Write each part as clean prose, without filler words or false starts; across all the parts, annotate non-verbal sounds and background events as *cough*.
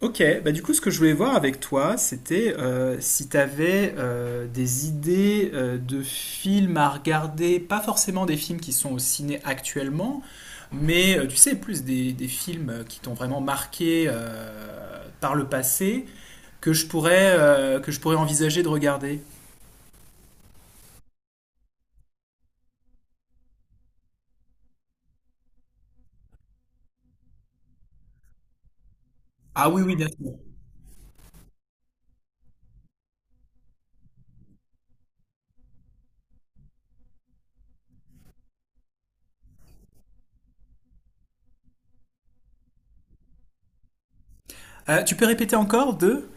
Ok, bah du coup, ce que je voulais voir avec toi, c'était si tu avais des idées de films à regarder, pas forcément des films qui sont au ciné actuellement, mais tu sais, plus des films qui t'ont vraiment marqué par le passé que je pourrais envisager de regarder. Ah oui, oui, bien sûr. Tu peux répéter encore deux?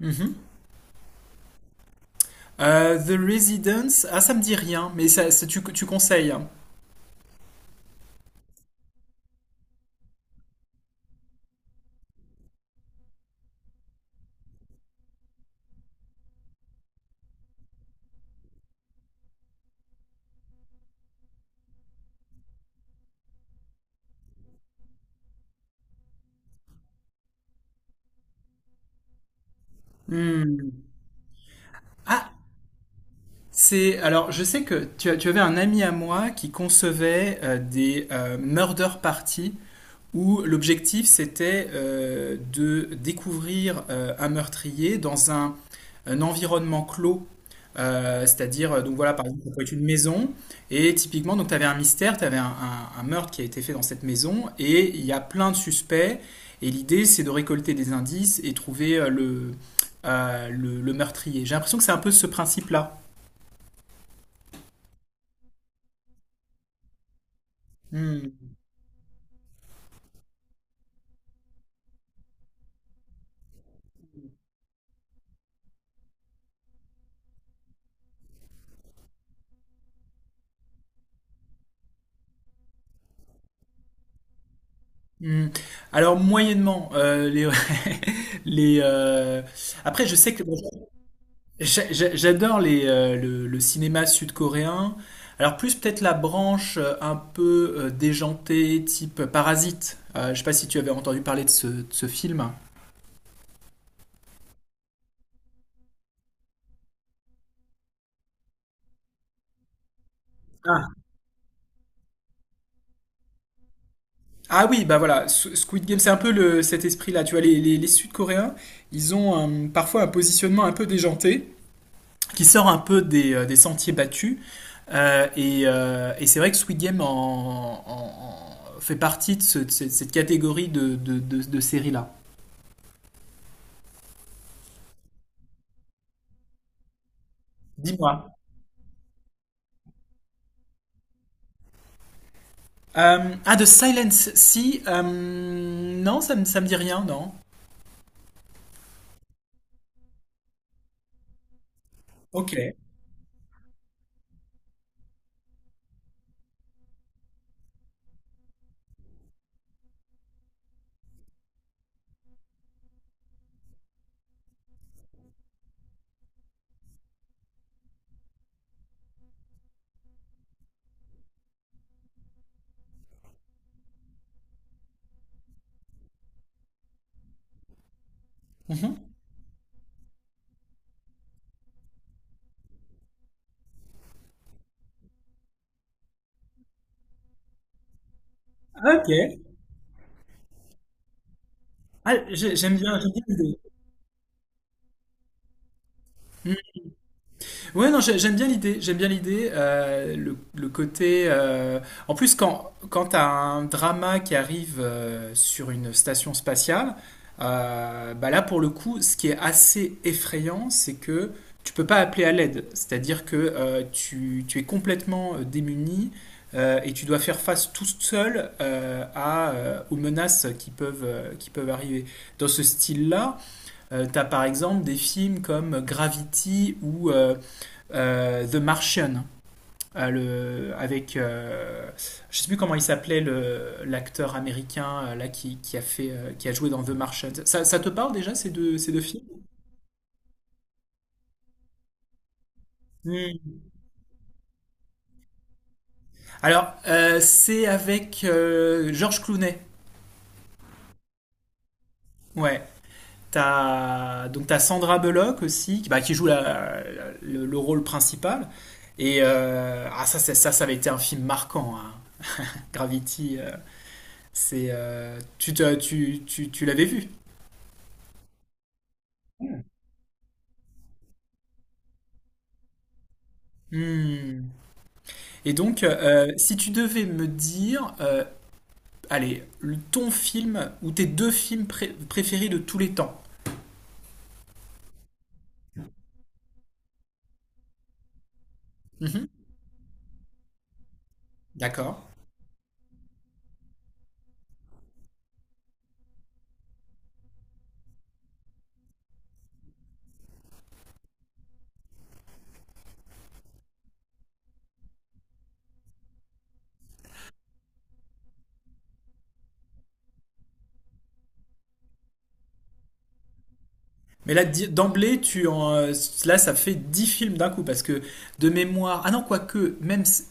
Mhm. The Residence, ah ça me dit rien, mais tu conseilles, hein. Hmm. Ah, c'est alors je sais que tu avais un ami à moi qui concevait des murder parties où l'objectif c'était de découvrir un meurtrier un environnement clos. C'est-à-dire, donc voilà, par exemple, ça peut être une maison, et typiquement, donc tu avais un mystère, tu avais un meurtre qui a été fait dans cette maison, et il y a plein de suspects, et l'idée c'est de récolter des indices et trouver le meurtrier. J'ai l'impression que c'est un peu ce principe-là. Hmm. Hmm. Alors moyennement les *laughs* les après je sais que bon, j'adore les le cinéma sud-coréen, alors plus peut-être la branche un peu déjantée type Parasite. Je sais pas si tu avais entendu parler de ce film. Ah. Ah oui bah voilà, Squid Game c'est un peu le cet esprit-là, tu vois les Sud-Coréens, ils ont parfois un positionnement un peu déjanté qui sort un peu des sentiers battus. Et c'est vrai que Squid Game fait partie de cette catégorie de séries-là. Dis-moi. De Silence Sea, non, ça me dit rien, non. Ok. Mhm. Ok. Ah, j'aime bien l'idée. Ouais, non, j'aime bien l'idée. J'aime bien l'idée, le côté. En plus, quand tu as un drama qui arrive sur une station spatiale, bah là, pour le coup, ce qui est assez effrayant, c'est que tu peux pas appeler à l'aide. C'est-à-dire que tu es complètement démuni, et tu dois faire face tout seul aux menaces qui peuvent arriver. Dans ce style-là, tu as par exemple des films comme Gravity ou The Martian. Le, avec je ne sais plus comment il s'appelait l'acteur américain là qui a fait qui a joué dans The Martian. Ça te parle déjà ces deux films? Hmm. Alors, c'est avec Georges Clooney. Ouais. T'as, donc t'as Sandra Bullock aussi, qui, bah, qui joue le rôle principal. Et ah, ça, ça avait été un film marquant, hein. Gravity, c'est, tu, te- tu l'avais vu. Hmm. Et donc, si tu devais me dire, allez, ton film ou tes deux films préférés de tous les temps. Mhm, d'accord. Mais là, d'emblée, ça fait 10 films d'un coup parce que de mémoire. Ah non, quoique,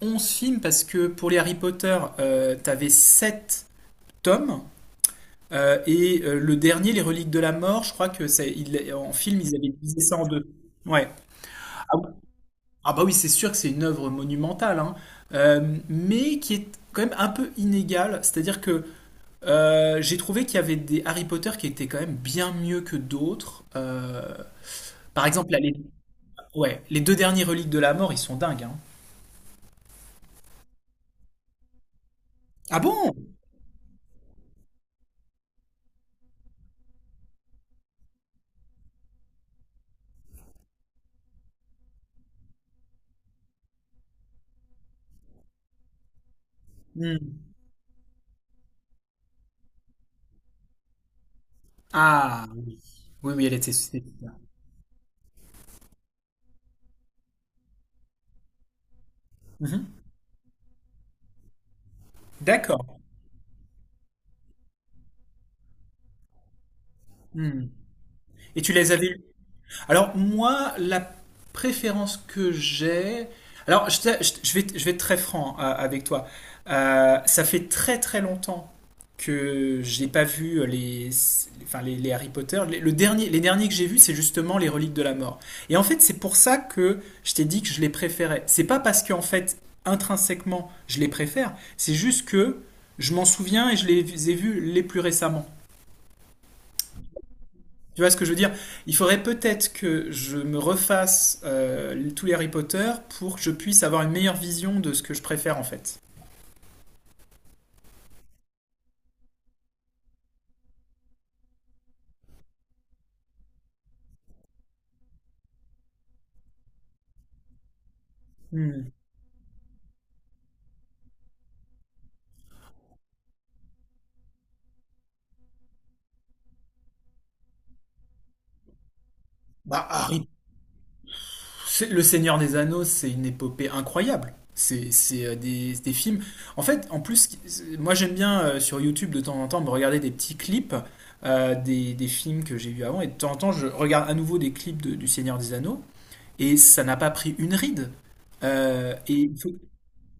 11 films, parce que pour les Harry Potter, t'avais 7 tomes. Et le dernier, Les Reliques de la Mort, je crois que c'est, en film, ils avaient divisé ça en deux. Ouais. Ah, ah bah oui, c'est sûr que c'est une œuvre monumentale, hein, mais qui est quand même un peu inégale. C'est-à-dire que j'ai trouvé qu'il y avait des Harry Potter qui étaient quand même bien mieux que d'autres. Par exemple, là, les... Ouais, les deux derniers Reliques de la Mort, ils sont dingues, hein. Ah bon? Hmm. Ah oui. Oui, oui, elle était... c'était bien. Mhm. D'accord. Hmm. Et tu les avais... Alors moi, la préférence que j'ai... Alors je, je vais être très franc avec toi. Ça fait très très longtemps que j'ai pas vu enfin les Harry Potter. Les derniers que j'ai vus, c'est justement les Reliques de la Mort. Et en fait, c'est pour ça que je t'ai dit que je les préférais. C'est pas parce qu'en fait, intrinsèquement, je les préfère, c'est juste que je m'en souviens et je les ai vus les plus récemment. Tu vois ce que je veux dire? Il faudrait peut-être que je me refasse tous les Harry Potter pour que je puisse avoir une meilleure vision de ce que je préfère en fait. Hmm. Bah, Harry, Le Seigneur des Anneaux, c'est une épopée incroyable. Des films. En fait, en plus, moi j'aime bien sur YouTube de temps en temps me regarder des petits clips des films que j'ai vus avant. Et de temps en temps, je regarde à nouveau des clips du Seigneur des Anneaux. Et ça n'a pas pris une ride. Euh, et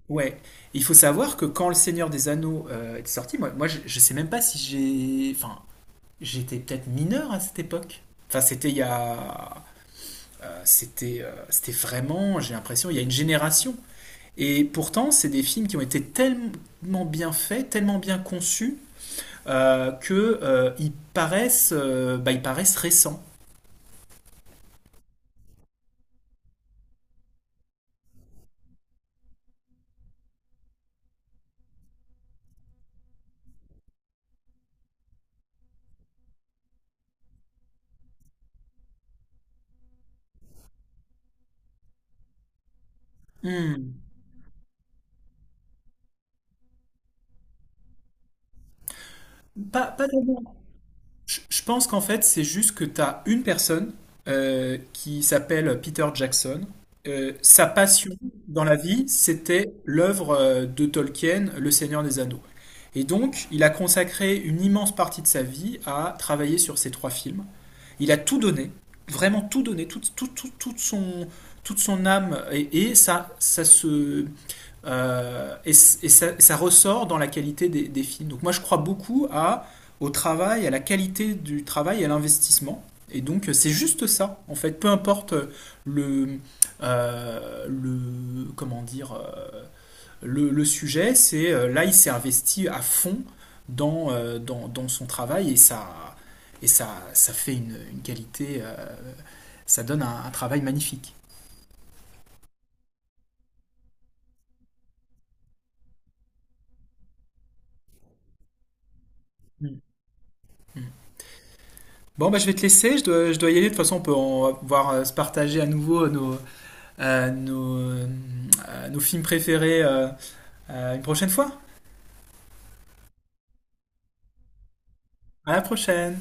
Ouais, il faut savoir que quand Le Seigneur des Anneaux est sorti, je sais même pas si j'ai... Enfin, j'étais peut-être mineur à cette époque. Enfin, c'était il y a... c'était vraiment, j'ai l'impression, il y a une génération. Et pourtant, c'est des films qui ont été tellement bien faits, tellement bien conçus, que ils paraissent, bah, ils paraissent récents. Hmm. Pas, pas tellement. Je pense qu'en fait, c'est juste que tu as une personne qui s'appelle Peter Jackson. Sa passion dans la vie, c'était l'œuvre de Tolkien, Le Seigneur des Anneaux. Et donc, il a consacré une immense partie de sa vie à travailler sur ces trois films. Il a tout donné, vraiment tout donné, toute son âme, et ça, euh, et, et ça ressort dans la qualité des films. Donc moi je crois beaucoup à, au travail, à la qualité du travail et à l'investissement. Et donc c'est juste ça, en fait. Peu importe le, le comment dire, le sujet, c'est là, il s'est investi à fond dans son travail et ça, ça fait une qualité, ça donne un travail magnifique. Mm. Bon, bah, je vais te laisser, je dois y aller. De toute façon, on va pouvoir se partager à nouveau nos films préférés une prochaine fois. À la prochaine!